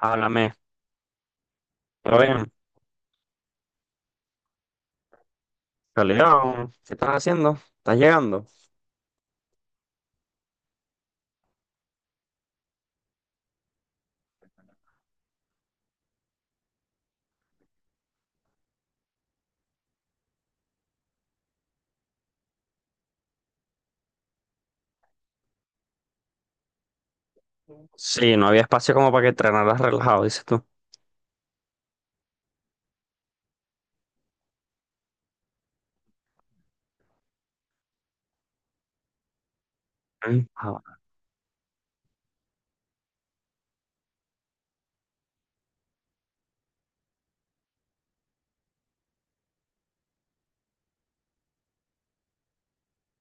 Háblame, ¿todo bien? Calidad, ¿qué estás haciendo? ¿Estás llegando? Sí, no había espacio como para que entrenaras relajado, dices tú. Mm, ah, bueno.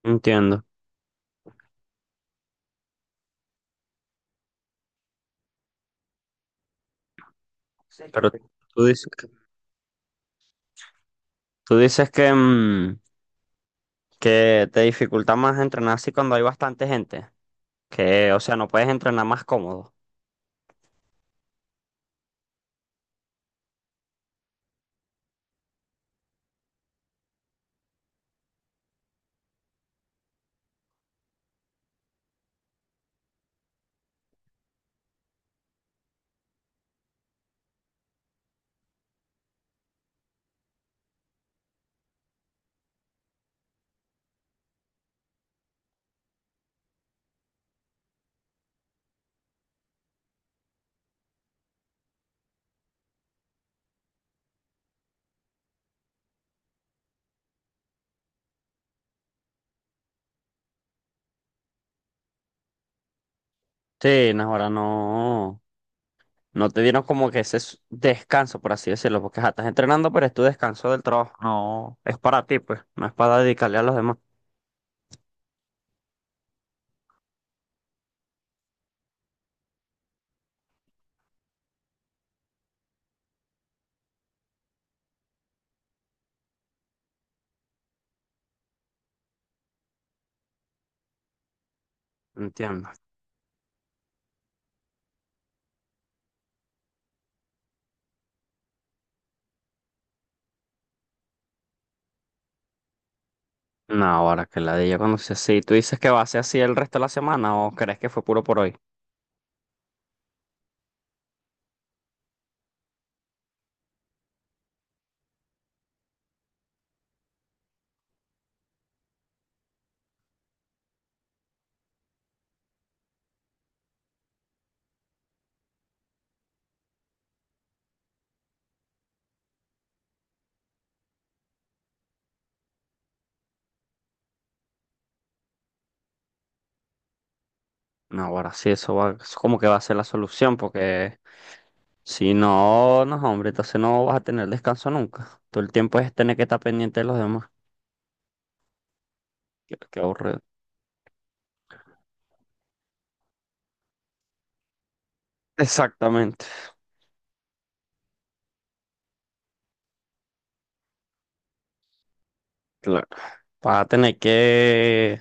Entiendo. Pero tú dices, que- tú dices que, que te dificulta más entrenar así cuando hay bastante gente. Que, o sea, no puedes entrenar más cómodo. Sí, no, ahora no. No te dieron como que ese descanso, por así decirlo, porque ja, estás entrenando, pero es tu descanso del trabajo. No, es para ti, pues, no es para dedicarle a los demás. Entiendo. No, ahora que la de ella cuando sea así. ¿Tú dices que va a ser así el resto de la semana o crees que fue puro por hoy? No, ahora sí, eso va, eso como que va a ser la solución, porque si no, no, hombre, entonces no vas a tener descanso nunca. Todo el tiempo es tener que estar pendiente de los demás. Qué, qué aburrido. Exactamente. Claro. Vas a tener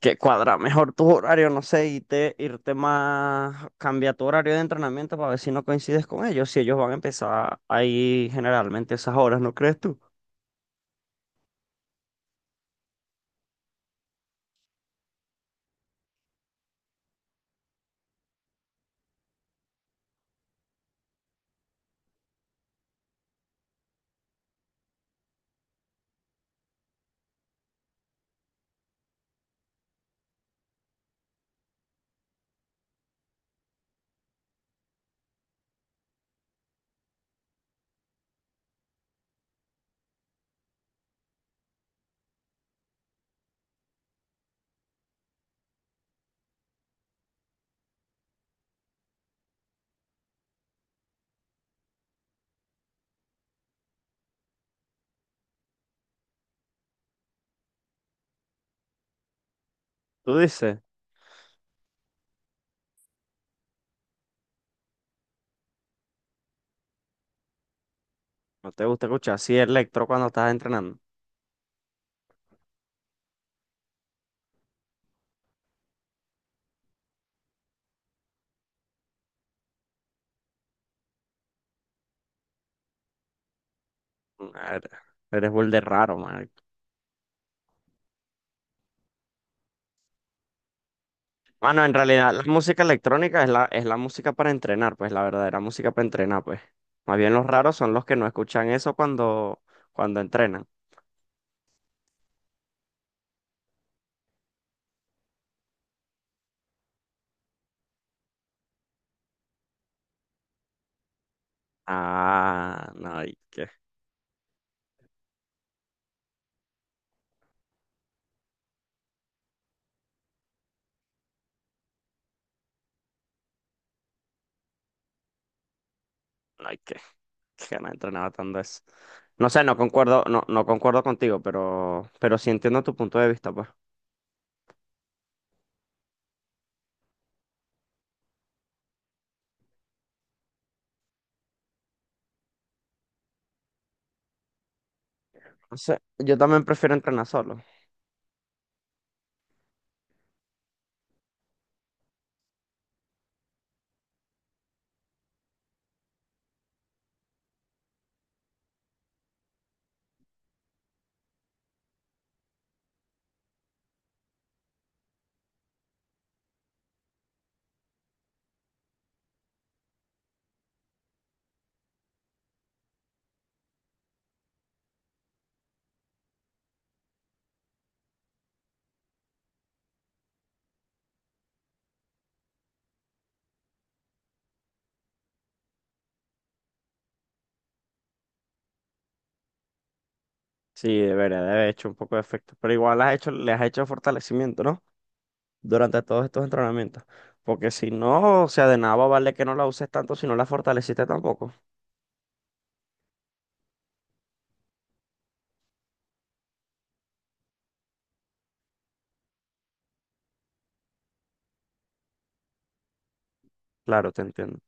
que cuadrar mejor tus horarios, no sé, y te, irte más, cambia tu horario de entrenamiento para ver si no coincides con ellos, si ellos van a empezar ahí generalmente esas horas, ¿no crees tú? Tú dices, no te gusta escuchar así electro cuando estás entrenando. Madre, eres burde raro, man. Bueno, en realidad la música electrónica es la música para entrenar, pues la verdadera música para entrenar, pues. Más bien los raros son los que no escuchan eso cuando entrenan. Ah, no hay que, no hay que ganas entrenaba tanto eso. No sé, no, no concuerdo contigo, pero sí entiendo tu punto de vista, pues. No sé, yo también prefiero entrenar solo. Sí, debería de haber hecho un poco de efecto, pero igual has hecho, le has hecho fortalecimiento, ¿no? Durante todos estos entrenamientos. Porque si no, o sea, de nada va a valer que no la uses tanto si no la fortaleciste tampoco. Claro, te entiendo.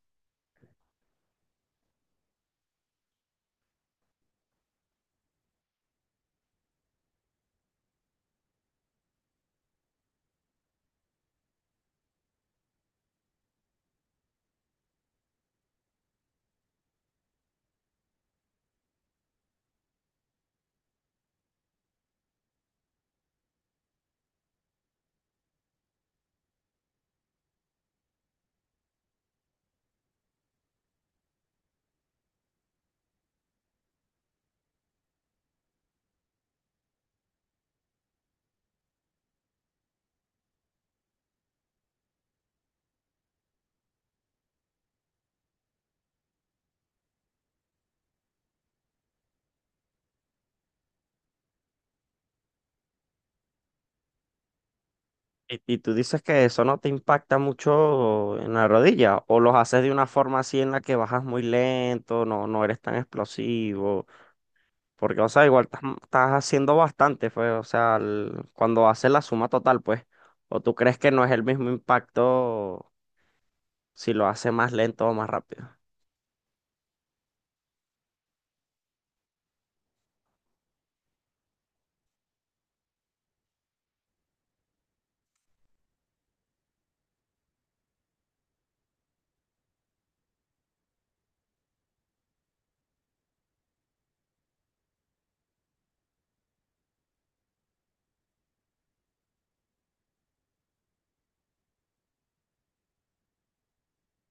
Y tú dices que eso no te impacta mucho en la rodilla, o los haces de una forma así en la que bajas muy lento, no eres tan explosivo, porque, o sea, igual estás haciendo bastante, pues, o sea, cuando haces la suma total, pues, o tú crees que no es el mismo impacto si lo haces más lento o más rápido.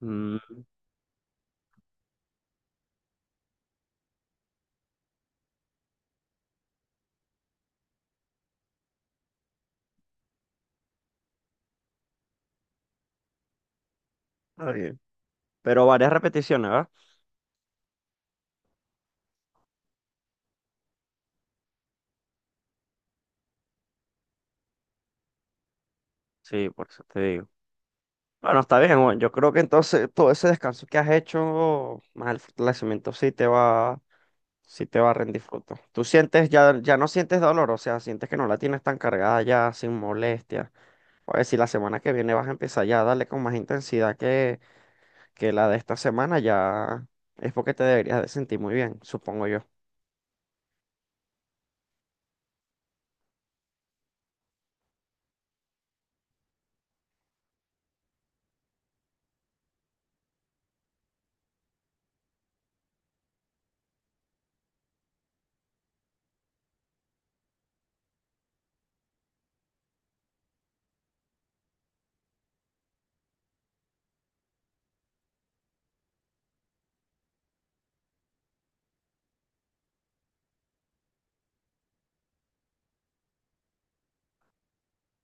Mm, está bien. Pero varias repeticiones, ¿verdad? Sí, por eso te digo. Bueno, está bien, bueno, yo creo que entonces todo ese descanso que has hecho, más el fortalecimiento sí te va. Sí te va a rendir fruto. Tú sientes, ya no sientes dolor, o sea, sientes que no la tienes tan cargada ya, sin molestia. O sea, si la semana que viene vas a empezar ya a darle con más intensidad que la de esta semana, ya es porque te deberías de sentir muy bien, supongo yo.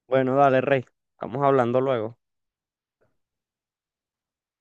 Bueno, dale, Rey. Estamos hablando luego.